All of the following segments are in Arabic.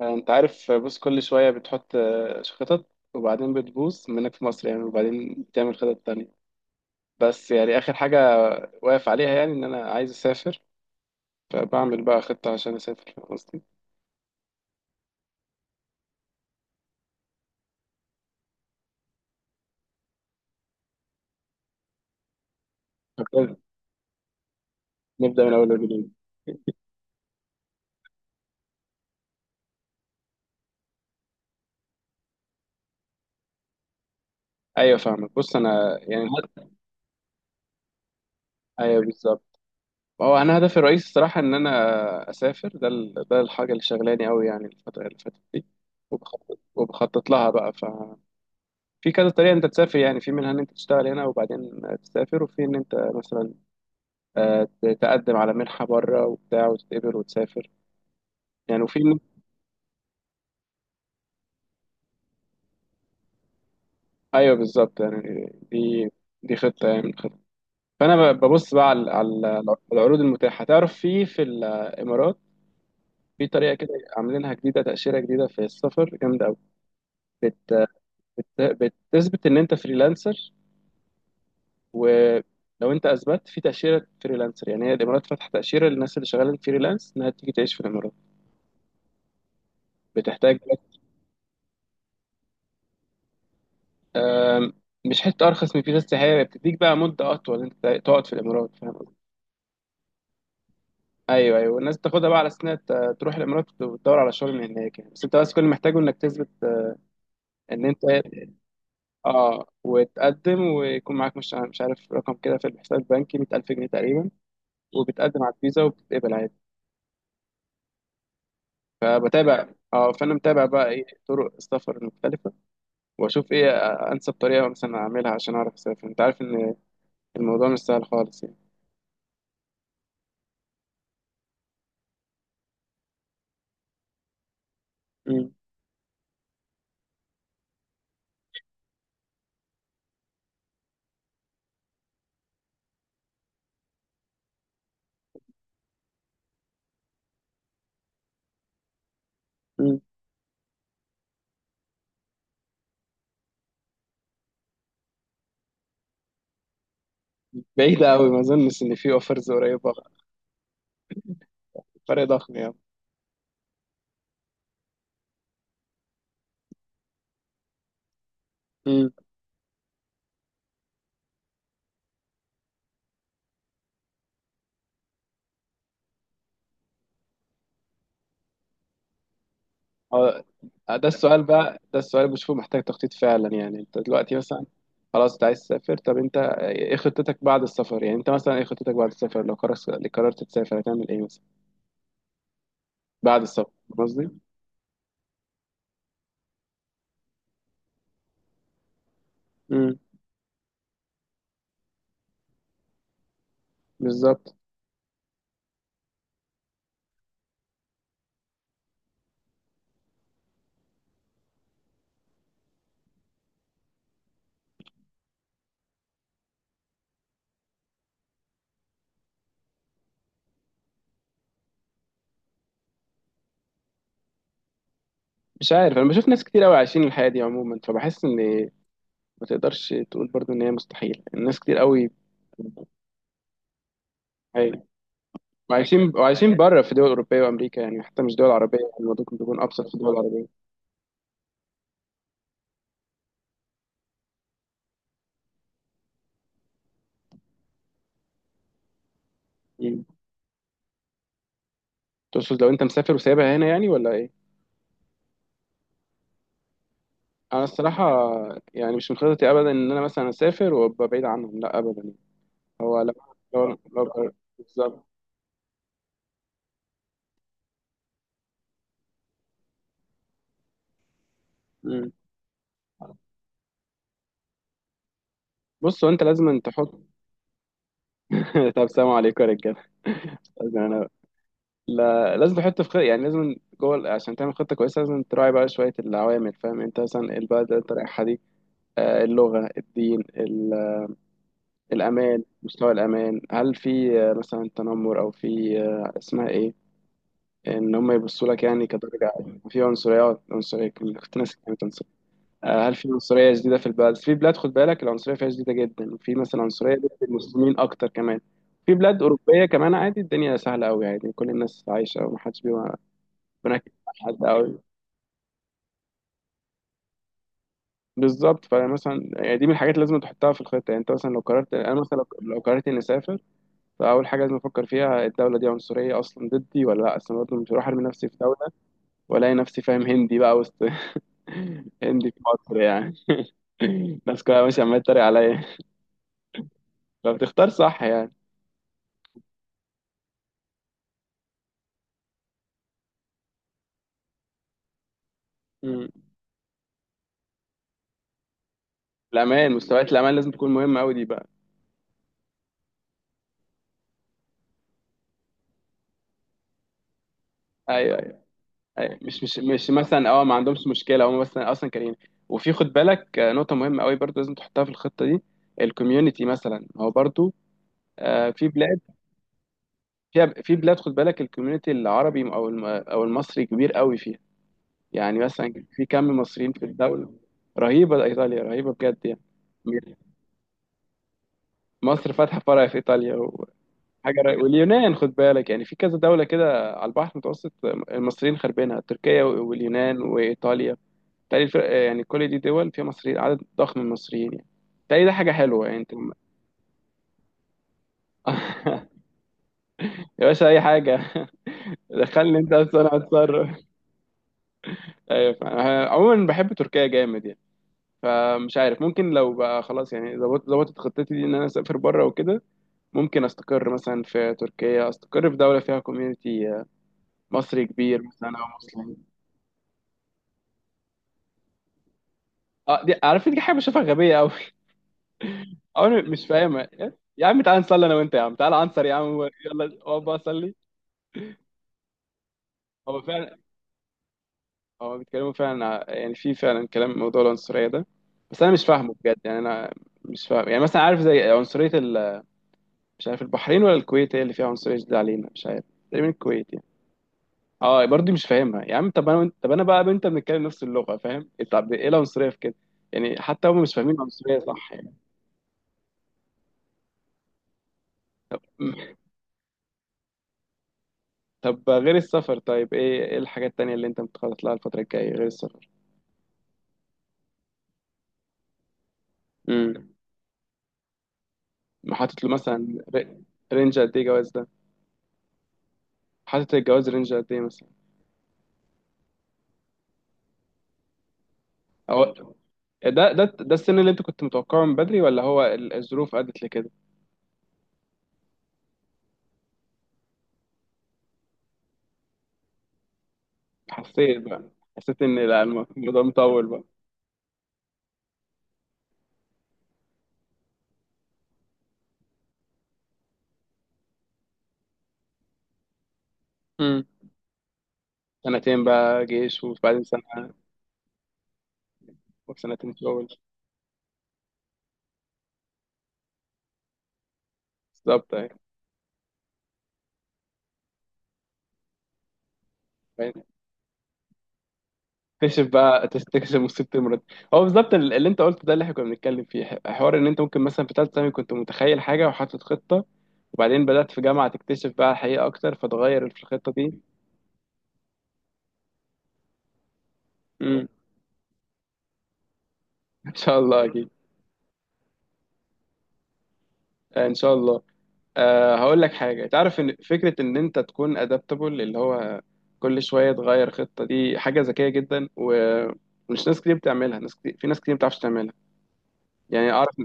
انت عارف، بص، كل شويه بتحط خطط، وبعدين بتبوظ منك في مصر يعني، وبعدين تعمل خطط تانية. بس يعني اخر حاجه واقف عليها، يعني ان انا عايز اسافر. فبعمل بقى خطه عشان اسافر، فاهم قصدي؟ طب نبدا من اول وجديد. ايوه فاهمك، بص انا يعني. ايوه بالظبط. هو انا هدفي الرئيسي الصراحه ان انا اسافر، ده الحاجه اللي شغلاني قوي يعني الفتره اللي فاتت دي. وبخطط لها بقى في كذا طريقه انت تسافر يعني، في منها ان انت تشتغل هنا وبعدين تسافر، وفي ان انت مثلا تقدم على منحة بره وبتاع وتتقبل وتسافر يعني، وفي. ايوه بالظبط يعني، دي خطة يعني من الخطط. فانا ببص بقى على العروض المتاحة، تعرف، في الامارات. في طريقة كده عاملينها جديدة، تأشيرة جديدة في السفر جامدة قوي. بت بت- بتثبت ان انت فريلانسر. ولو انت اثبت في تأشيرة فريلانسر يعني، هي الامارات فاتحة تأشيرة للناس اللي شغالين فريلانس انها تيجي تعيش في الامارات. بتحتاج. آم، مش حته ارخص من فيزا السياحيه، هي بتديك بقى مده اطول انت تقعد في الامارات، فاهم قصدي؟ ايوه، ايوه، الناس بتاخدها بقى على سنه، تروح الامارات وتدور على شغل من هناك يعني، بس انت بس كل اللي محتاجه انك تثبت ان انت اه وتقدم، ويكون معاك مش عارف رقم كده في الحساب البنكي، 100,000 جنيه تقريبا، وبتقدم على الفيزا وبتتقبل عادي. فبتابع اه فانا متابع بقى ايه طرق السفر المختلفه، واشوف ايه انسب طريقه مثلا اعملها عشان اعرف اسافر. انت عارف ان الموضوع مش سهل خالص يعني. مم. بعيدة أوي، ما أظنش إن في أوفرز قريبة. فرق ضخم يعني. امم. هو ده السؤال بقى، ده السؤال بشوفه محتاج تخطيط فعلا يعني، أنت دلوقتي مثلا خلاص أنت عايز تسافر، طب أنت إيه خطتك بعد السفر؟ يعني أنت مثلا إيه خطتك بعد السفر لو قررت تسافر؟ هتعمل إيه مثلا بعد السفر، فاهم قصدي؟ امم. بالظبط. مش عارف، أنا بشوف ناس كتير أوي عايشين الحياة دي عموما، فبحس إن ما تقدرش تقول برضو إن هي مستحيل. الناس كتير أوي عاي- وعايشين بره في دول أوروبية وأمريكا يعني، حتى مش دول عربية. الموضوع ممكن يكون أبسط في دول عربية. مم. تقصد لو انت مسافر وسايبها هنا يعني، ولا ايه؟ انا الصراحه يعني، مش من خططي ابدا ان انا مثلا اسافر وابقى بعيد عنهم، لا ابدا يعني. هو لو لو لو- بالظبط. مم. بص، هو انت لازم أن تحط. طب سلام عليكم يا رجاله. لازم انا لا، لازم تحط في خطة يعني، لازم جوه عشان تعمل خطه كويسه، لازم تراعي بقى شويه العوامل، فاهم، انت مثلا البلد اللي انت رايحها دي، اللغه، الدين، الامان، مستوى الامان، هل في مثلا تنمر، او في اسمها ايه، ان هم يبصوا لك يعني كدرجه عاليه في عنصريه، كنت ناسي كلمه عنصريه. هل في عنصريه شديده في البلد، في بلاد خد بالك العنصريه فيها شديده جدا، وفي مثلا عنصريه ضد المسلمين اكتر كمان. في بلاد اوروبيه كمان عادي، الدنيا سهله قوي عادي، كل الناس عايشه ومحدش بيبقى بيناكد حد قوي. بالظبط، فمثلا يعني دي من الحاجات اللي لازم تحطها في الخطه يعني، انت مثلا لو قررت انا مثلا لو لو قررت اني اسافر. فاول حاجه لازم افكر فيها، الدوله دي عنصريه اصلا ضدي ولا لا؟ اصلا برضه مش هروح ارمي نفسي في دوله والاقي نفسي، فاهم، هندي بقى وسط. هندي في مصر يعني. الناس كلها ماشيه عماله تتريق عليا. فبتختار صح يعني. مم. مستويات الامان لازم تكون مهمه قوي دي بقى. ايوه، ايوه، ايوه، مش مثلا ما عندهمش مشكله هم، بس اصلا كارهين. وفي خد بالك، نقطه مهمه قوي برضو لازم تحطها في الخطه دي. الكوميونتي مثلا هو برضو آه، في بلاد في بلاد خد بالك الكوميونتي العربي او او المصري كبير قوي فيها. يعني مثلا في كم مصريين في الدولة. رهيبة، إيطاليا رهيبة بجد. يعني مصر فاتحة فرع في إيطاليا وحاجة رهيبة. واليونان خد بالك يعني، في كذا دولة كده على البحر المتوسط المصريين خاربينها، تركيا واليونان وإيطاليا. تالي الفرق يعني، كل دي دول فيها مصريين، عدد ضخم من المصريين يعني. تالي ده حاجة حلوة يعني انت. يا باشا أي حاجة. دخلني انت بس، انا هتصرف. ايوه فاهم. أنا عموما بحب تركيا جامد يعني. فمش عارف، ممكن لو بقى خلاص يعني ظبطت خطتي دي ان انا اسافر بره وكده، ممكن استقر مثلا في تركيا، استقر في دوله فيها كوميونتي مصري كبير مثلا او مسلم. اه، دي عارف، دي حاجه بشوفها غبيه قوي. او انا مش فاهمها. يا عم تعال نصلي انا وانت، يا عم تعال انصر، يا عم يلا اقعد بقى صلي. هو فعلا هو بيتكلموا فعلا يعني في فعلا كلام، موضوع العنصريه ده، بس انا مش فاهمه بجد يعني، انا مش فاهم يعني، مثلا عارف زي عنصريه مش عارف البحرين ولا الكويت هي اللي فيها عنصريه شديده علينا، مش عارف، تقريبا الكويت يعني. اه، برضه مش فاهمها يا عم. طب انا بقى وانت بنتكلم نفس اللغه، فاهم؟ طب ايه العنصريه في كده؟ يعني حتى هم مش فاهمين العنصريه صح يعني. أمم. طب غير السفر، طيب ايه الحاجات التانيه اللي انت متخطط لها الفتره الجايه غير السفر؟ امم. حاطط له مثلا رينج قد ايه جواز ده؟ حاطط الجواز رينج قد ايه مثلا؟ او، ده السن اللي انت كنت متوقعه من بدري، ولا هو الظروف ادت لكده؟ حسيت بقى حسيت ان، لا، الموضوع مطول بقى. امم. سنتين بقى جيش، وبعدين سنه، وسنتين شغل. بالظبط. ايوه، تكتشف مصيبة المرض. هو بالظبط اللي انت قلته ده، اللي احنا كنا بنتكلم فيه حوار ان انت ممكن مثلا في ثالثة ثانوي كنت متخيل حاجة وحاطط خطة، وبعدين بدأت في جامعة تكتشف بقى الحقيقة أكتر، فتغير في الخطة دي. امم. إن شاء الله أكيد. إن شاء الله. هقول لك حاجة، تعرف إن فكرة إن أنت تكون أدابتبل، اللي هو كل شوية تغير خطة دي حاجة ذكية جدا، ومش ناس كتير بتعملها. ناس كتير، في ناس كتير ما بتعرفش تعملها. يعني أعرف.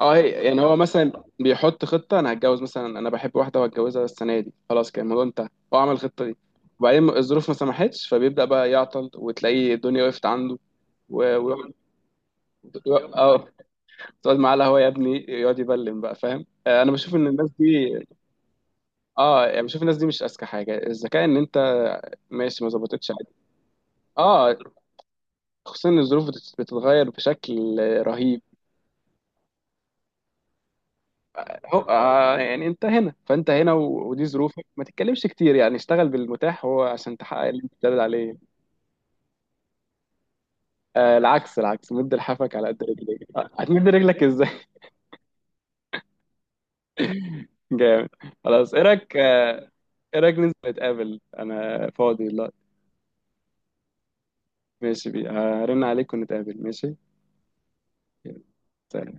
اه، يعني هو مثلا بيحط خطة، انا هتجوز مثلا انا بحب واحدة وهتجوزها السنة دي، خلاص كان الموضوع انتهى. هو عمل الخطة دي، وبعدين الظروف ما سمحتش، فبيبدأ بقى يعطل وتلاقيه الدنيا وقفت عنده. و- ويقعد ويقعد- اه تقعد معاه القهوة يا ابني، يقعد يبلم بقى، فاهم. انا بشوف ان الناس دي اه يعني بشوف الناس دي مش اذكى حاجة. الذكاء ان انت ماشي ما ظبطتش عادي. اه خصوصا ان الظروف بتتغير بشكل رهيب. هو يعني انت هنا فانت هنا ودي ظروفك، ما تتكلمش كتير يعني، اشتغل بالمتاح هو عشان تحقق اللي انت بتدل عليه. آه، العكس، العكس، مد لحافك على قد رجليك، هتمد رجلك ازاي؟ جامد، خلاص. ايه رايك ننزل نتقابل؟ انا فاضي دلوقتي. ماشي، بي هرن عليك ونتقابل، ماشي. يلا. سلام.